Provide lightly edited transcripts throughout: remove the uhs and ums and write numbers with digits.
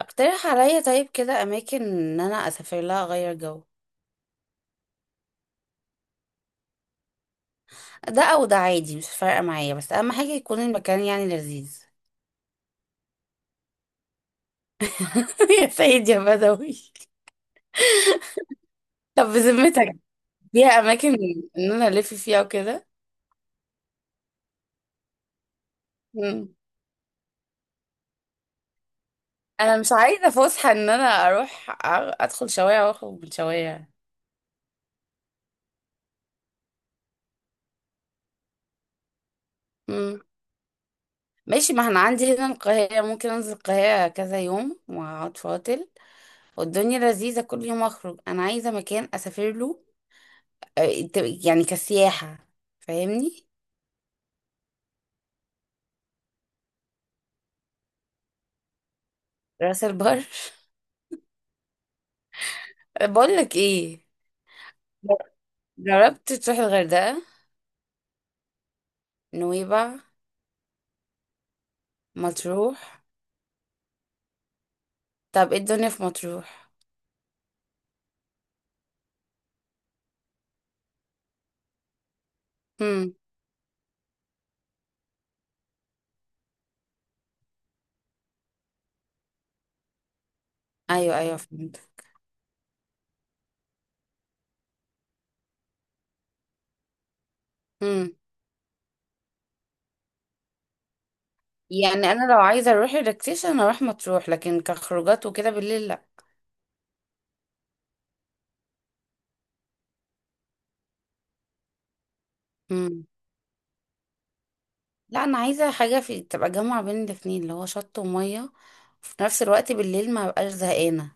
اقترح عليا، طيب كده اماكن ان انا اسافر لها اغير جو. ده او ده عادي، مش فارقه معايا، بس اهم حاجه يكون المكان يعني لذيذ. يا سيد يا بدوي، طب بذمتك فيها اماكن ان انا الف فيها وكده؟ مم. انا مش عايزه فسحه ان انا اروح ادخل شوارع واخرج من شوارع. مم. ماشي، ما انا عندي هنا القاهره، ممكن انزل القاهره كذا يوم واقعد فاضل والدنيا لذيذه كل يوم اخرج. انا عايزه مكان اسافر له، آه، انت- يعني كسياحة، فاهمني. راس البر بقول لك ايه، جربت تروح الغردقة، نويبع، مطروح؟ طب ايه الدنيا في مطروح؟ هم. ايوه ايوه، فهمت. هم. يعني انا لو عايزة اروح ريلاكسيشن اروح مطروح، لكن كخروجات وكده بالليل لا. هم. لا، انا عايزة حاجة في تبقى جامعة بين الاتنين، اللي هو شط ومية وفي نفس الوقت بالليل ما بقاش زهقانة،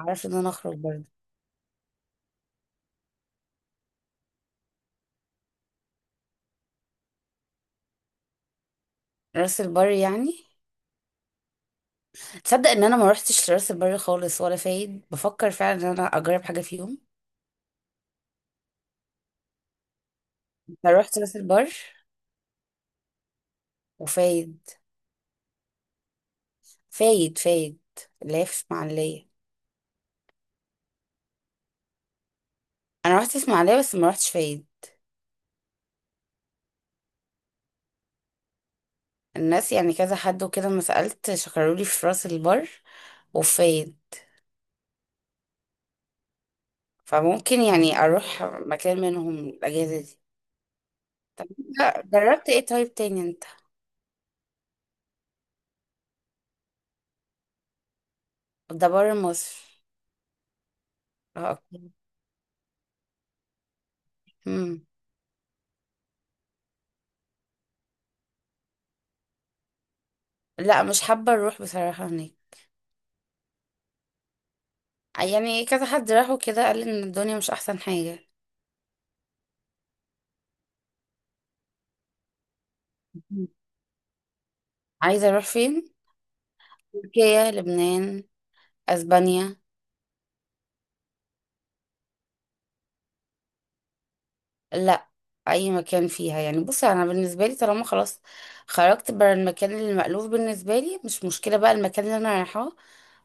عارف، ان انا اخرج برضه. راس البر يعني؟ تصدق ان انا ما روحتش راس البر خالص ولا فايد؟ بفكر فعلا ان انا اجرب حاجه فيهم. انا روحت راس البر وفايد. فايد فايد اللي هي في اسماعيليه. انا روحت اسماعيليه بس ما روحتش فايد. الناس يعني كذا حد وكده، ما سالت، شكروا لي في راس البر وفايد، فممكن يعني اروح مكان منهم الاجازه دي. لا، جربت ايه طيب تاني انت؟ ده بره مصر. اه، اوكي. مم. لا، مش حابه اروح بصراحه هناك. يعني كذا حد راح وكده، قال ان الدنيا مش احسن حاجه. عايزة اروح فين؟ تركيا، لبنان، اسبانيا. لا، اي مكان فيها يعني. بصي، انا بالنسبة لي طالما خلاص خرجت بره المكان اللي مألوف بالنسبة لي، مش مشكلة بقى المكان اللي انا رايحاه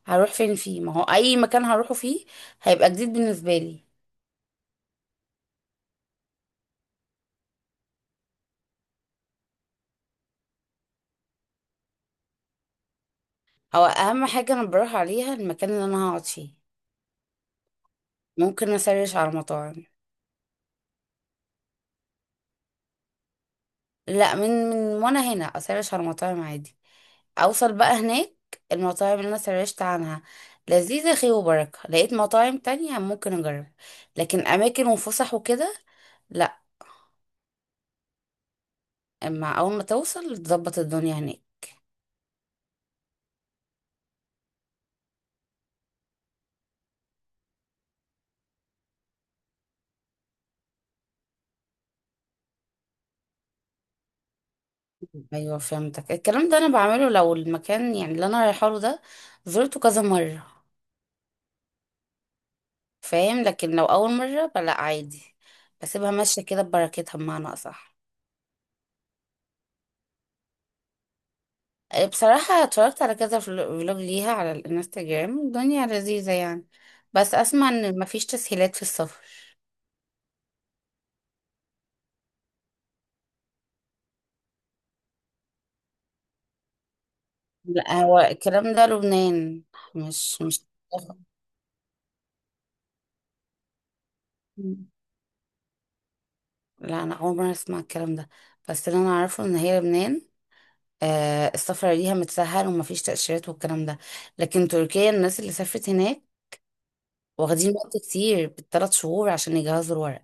هروح فين فيه. ما هو اي مكان هروحه فيه هيبقى جديد بالنسبة لي. او اهم حاجة انا بروح عليها المكان اللي انا هقعد فيه، ممكن اسرش على مطاعم. لا، من وانا هنا اسرش على مطاعم عادي، اوصل بقى هناك، المطاعم اللي انا سرشت عنها لذيذة خير وبركة، لقيت مطاعم تانية ممكن اجرب. لكن اماكن وفسح وكده لا، اما اول ما توصل تظبط الدنيا هناك. ايوه فهمتك، الكلام ده انا بعمله لو المكان يعني اللي انا رايحه له ده زرته كذا مرة، فاهم؟ لكن لو اول مرة فلا، عادي، بسيبها ماشية كده ببركتها بمعنى اصح. بصراحة اتفرجت على كذا فلوج ليها على الانستجرام، الدنيا لذيذة يعني، بس اسمع ان مفيش تسهيلات في السفر. لا، هو الكلام ده لبنان، مش لا، انا اول مره اسمع الكلام ده، بس اللي انا اعرفه ان هي لبنان، آه، السفر ليها متسهل ومفيش تأشيرات والكلام ده. لكن تركيا الناس اللي سافرت هناك واخدين وقت كتير بالثلاث شهور عشان يجهزوا الورق.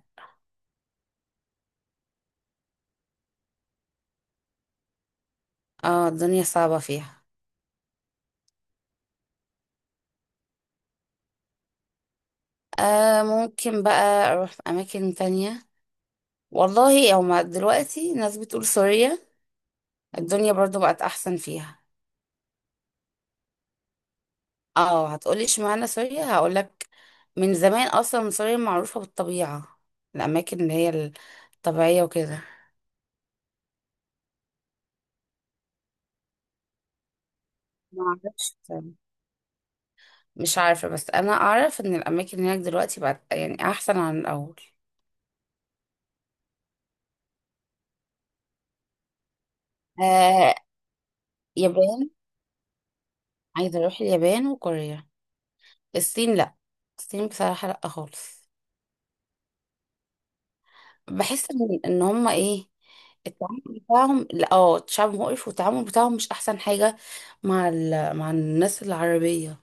اه، الدنيا صعبة فيها. آه، ممكن بقى اروح في اماكن تانية. والله او ما دلوقتي ناس بتقول سوريا، الدنيا برضو بقت احسن فيها. اه، هتقولي اشمعنى سوريا، هقولك، من زمان اصلا سوريا معروفة بالطبيعة، الاماكن اللي هي الطبيعية وكده. معرفش، مش عارفة، بس انا اعرف ان الاماكن هناك دلوقتي بقت يعني احسن عن الاول. آه. يابان، عايزة اروح اليابان وكوريا. الصين لا، الصين بصراحة لا خالص. بحس ان هما ايه، التعامل بتاعهم لا، اه، شعب مقرف والتعامل بتاعهم مش احسن حاجة مع ال... مع الناس العربية.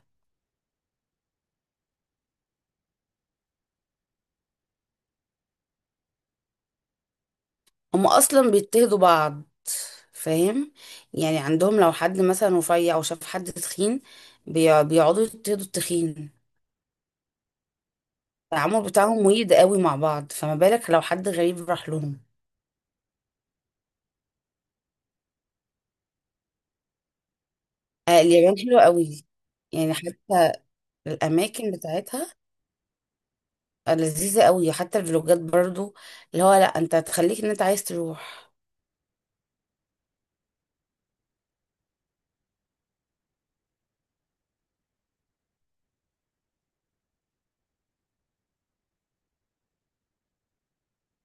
هم اصلا بيضطهدوا بعض، فاهم؟ يعني عندهم لو حد مثلا رفيع او شاف حد تخين، بيقعدوا يضطهدوا التخين. التعامل بتاعهم ويد قوي مع بعض، فما بالك لو حد غريب راح لهم. آه، اليابان حلوة قوي، يعني حتى الاماكن بتاعتها لذيذة قوي، حتى الفلوجات برضو اللي هو لا، انت هتخليك ان انت عايز تروح.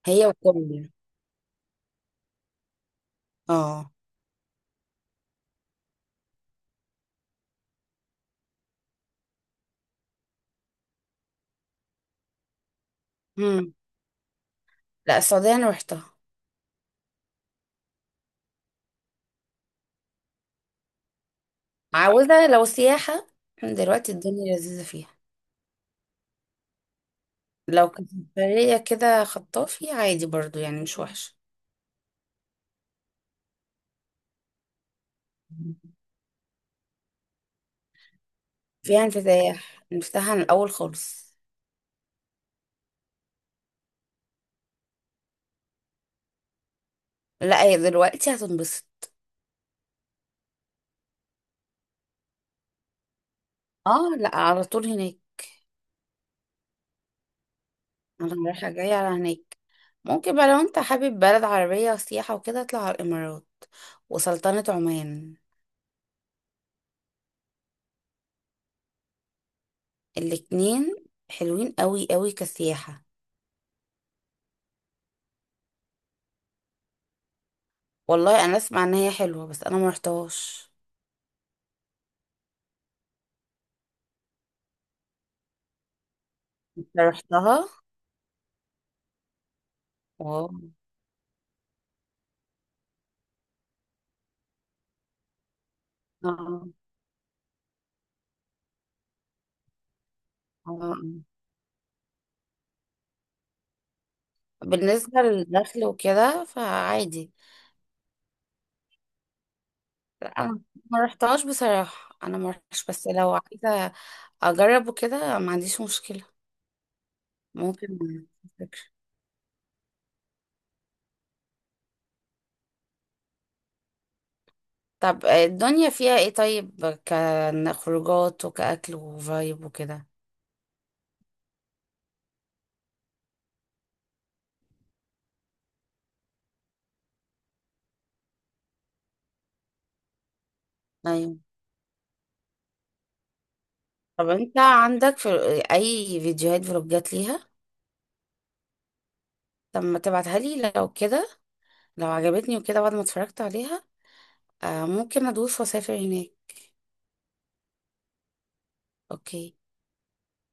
هي وكوريا. اه. مم. لا، السعودية انا روحتها. عاوزة لو سياحة دلوقتي الدنيا لذيذة فيها، لو كانت برية كده خطافي عادي برضو، يعني مش وحشة، فيها انفتاح، انفتاح عن الأول خالص. لا، هي دلوقتي هتنبسط. اه لا، على طول هناك، انا رايحة جاية على هناك. ممكن بقى لو انت حابب بلد عربية وسياحة وكده، اطلع على الإمارات وسلطنة عمان، الاتنين حلوين قوي قوي كسياحة. والله انا اسمع ان هي حلوة، بس انا ما رحتهاش. انت رحتها؟ واو. آه، آه، آه. بالنسبة للدخل وكده فعادي. لا، انا ما رحتهاش بصراحة، انا ما رحتش، بس لو عايزة اجرب وكده ما عنديش مشكلة. ممكن، فكرة. طب الدنيا فيها ايه طيب، كخروجات وكأكل وفايب وكده؟ ايوه. طب انت عندك في اي فيديوهات فلوجات ليها؟ طب ما تبعتها لي لو كده، لو عجبتني وكده بعد ما اتفرجت عليها، آه، ممكن ادوس واسافر هناك. اوكي